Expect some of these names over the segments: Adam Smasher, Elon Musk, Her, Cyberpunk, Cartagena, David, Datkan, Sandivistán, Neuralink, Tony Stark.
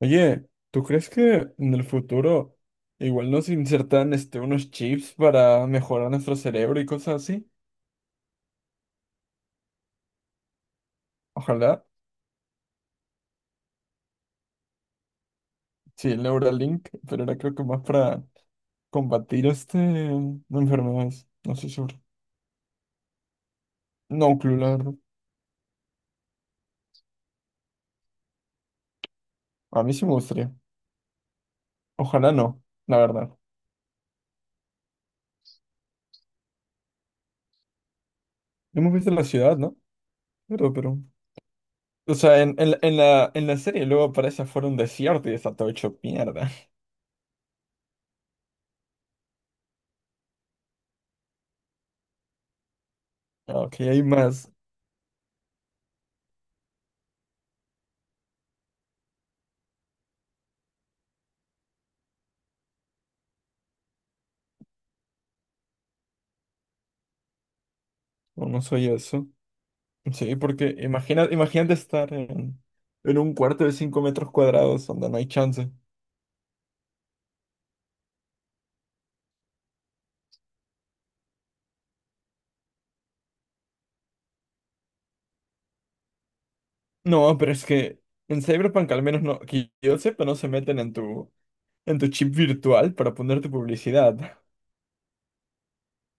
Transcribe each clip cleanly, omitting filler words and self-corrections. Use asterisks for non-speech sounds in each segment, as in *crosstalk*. Oye, ¿tú crees que en el futuro igual nos insertan unos chips para mejorar nuestro cerebro y cosas así? Ojalá. Sí, el Neuralink, pero era creo que más para combatir enfermedades. No estoy seguro. No, claro, la verdad. A mí sí me gustaría. Ojalá no, la verdad. Hemos visto la ciudad, ¿no? Pero, pero. O sea, en la serie luego aparece afuera un desierto y está todo hecho mierda. *laughs* Ok, hay más. O no soy eso. Sí, porque imagínate en un cuarto de 5 metros cuadrados donde no hay chance. No, pero es que en Cyberpunk al menos no, que yo sepa, no se meten en en tu chip virtual para poner tu publicidad.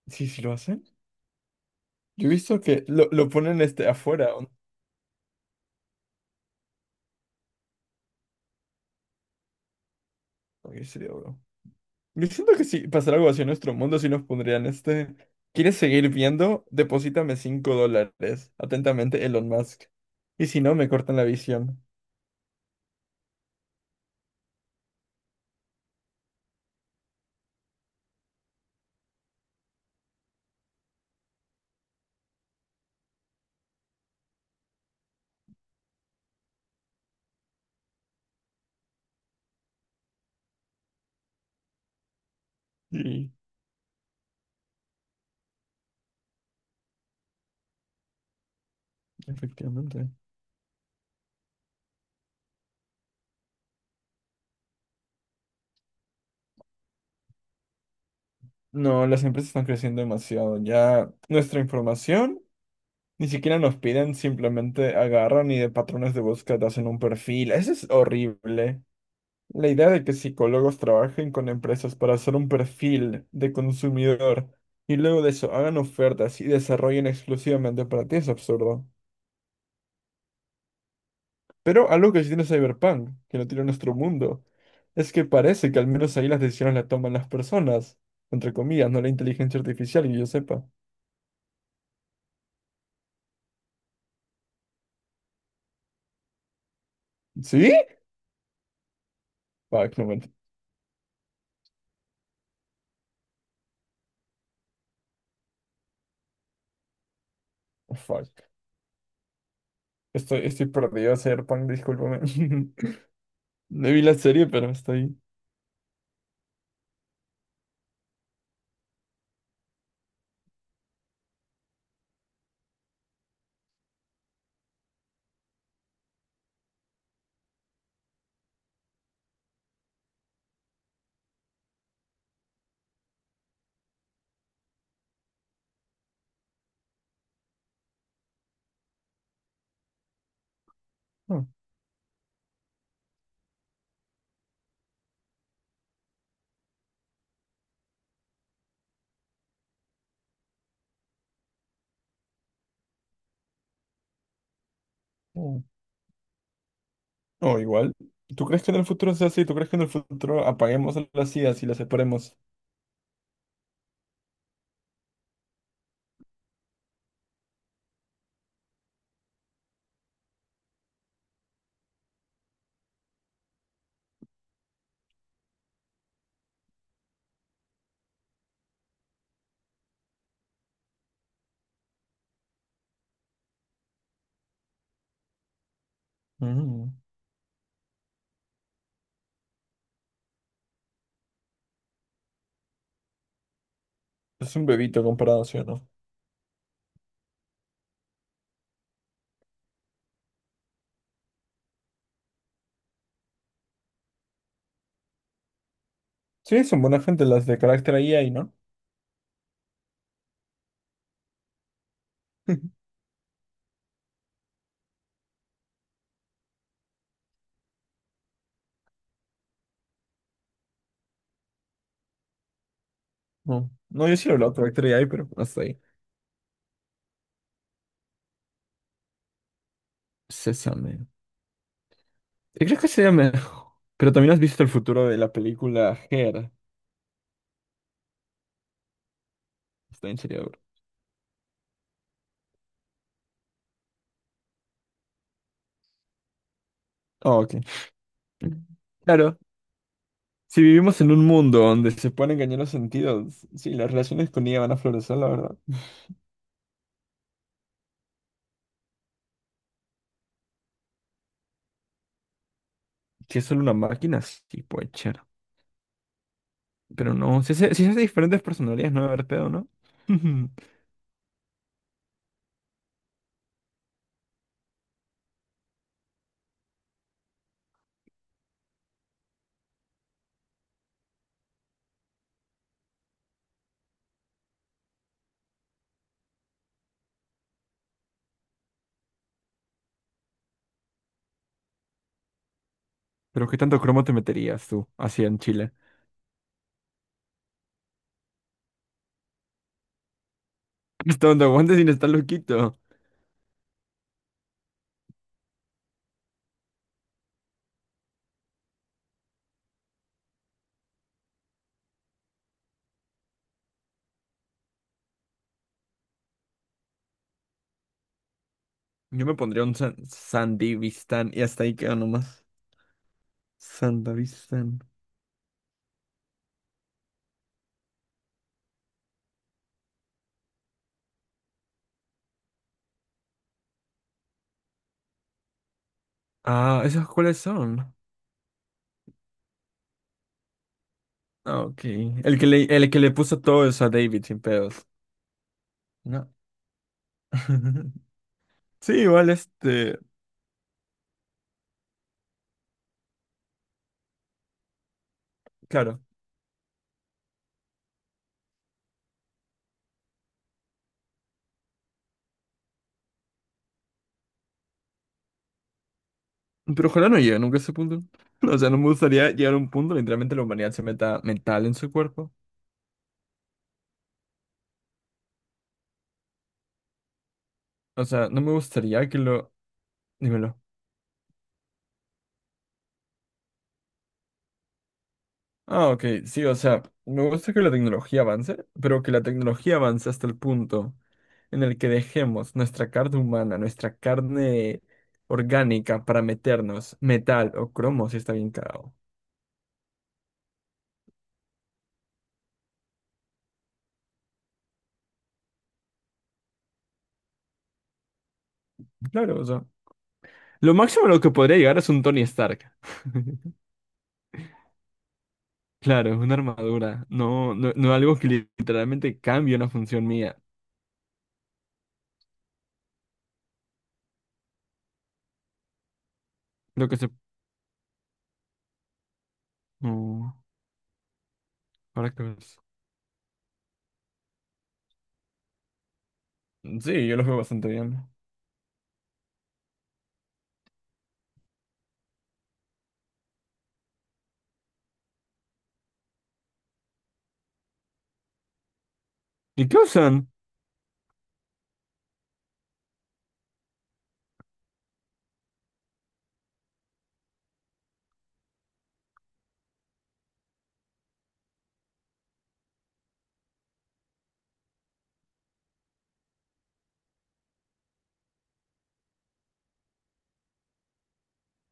Sí, sí lo hacen. Yo he visto que lo ponen afuera, ¿o no? Ok, sería duro. Yo siento que si pasara algo así en nuestro mundo, si nos pondrían este. ¿Quieres seguir viendo? Deposítame 5 dólares. Atentamente, Elon Musk. Y si no, me cortan la visión. Sí, efectivamente. No, las empresas están creciendo demasiado. Ya nuestra información ni siquiera nos piden, simplemente agarran y de patrones de búsqueda hacen un perfil. Eso es horrible. La idea de que psicólogos trabajen con empresas para hacer un perfil de consumidor y luego de eso hagan ofertas y desarrollen exclusivamente para ti es absurdo. Pero algo que sí tiene Cyberpunk, que no tiene nuestro mundo, es que parece que al menos ahí las decisiones las toman las personas, entre comillas, no la inteligencia artificial, que yo sepa. ¿Sí? Fuck, no me... Fuck. Estoy perdido, Serpunk, discúlpame. *laughs* No vi la serie, pero estoy... No, no. No, igual. ¿Tú crees que en el futuro sea así? ¿Tú crees que en el futuro apaguemos a las IAs y las separemos? Mm. Es un bebito comparado, ¿sí o no? Sí, son buena gente las de carácter AI, ¿no? *laughs* No, no, yo sí lo hablo de carácter AI, pero hasta ahí. Sésame. ¿Y crees que sería mejor? Pero también has visto el futuro de la película Her. Está en serio, bro. Oh, ok. Claro, si vivimos en un mundo donde se pueden engañar los sentidos, sí, las relaciones con ella van a florecer, la verdad. Si es solo una máquina, sí, puede ser. Pero no, si se hace diferentes personalidades, no va a haber pedo, ¿no? *laughs* Pero ¿qué tanto cromo te meterías tú, así en Chile? *laughs* Hasta donde aguantes sin estar loquito. Yo me pondría un San Sandivistán y hasta ahí queda nomás. Sandavistán. Ah, ¿esos cuáles son? Ah, ok. El que el que le puso todo eso a David sin pedos. No. *laughs* Sí, igual este. Claro. Pero ojalá no llegue nunca a ese punto. *laughs* O sea, no me gustaría llegar a un punto, literalmente la humanidad se meta mental en su cuerpo. O sea, no me gustaría que lo... Dímelo. Ah, ok, sí, o sea, me gusta que la tecnología avance, pero que la tecnología avance hasta el punto en el que dejemos nuestra carne humana, nuestra carne orgánica para meternos metal o cromo si está bien cagado. Claro, o sea, lo máximo a lo que podría llegar es un Tony Stark. *laughs* Claro, es una armadura, no algo que literalmente cambie una función mía. Creo que se... No, ¿para qué? Sí, yo los veo bastante bien. ¿Y qué usan?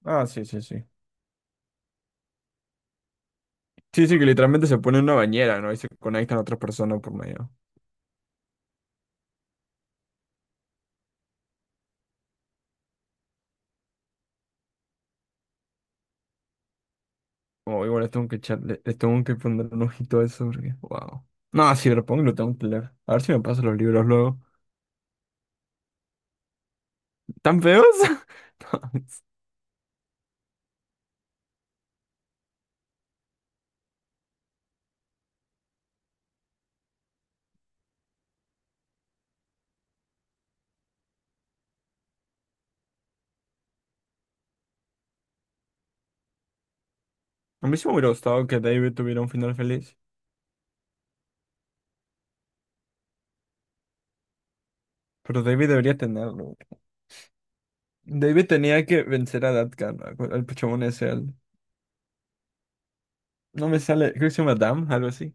Ah, sí, sí, sí. Sí, sí, que literalmente se pone en una bañera, ¿no? Y se conectan a otras personas por medio. Oh, igual les tengo que poner un ojito a eso porque, wow. No, sí, lo pongo y lo tengo que leer. A ver si me pasan los libros luego. ¿Tan feos? *laughs* A mí sí me hubiera gustado que David tuviera un final feliz. Pero David debería tenerlo. David tenía que vencer a Datkan, al pichamón ese, al... No me sale, creo que se llama Dam, algo así.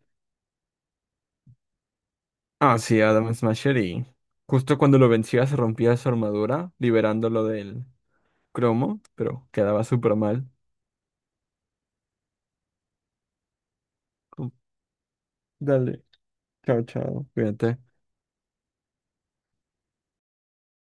Ah, sí, Adam Smasher y justo cuando lo vencía se rompía su armadura, liberándolo del cromo, pero quedaba súper mal. Dale, chao, cuídate.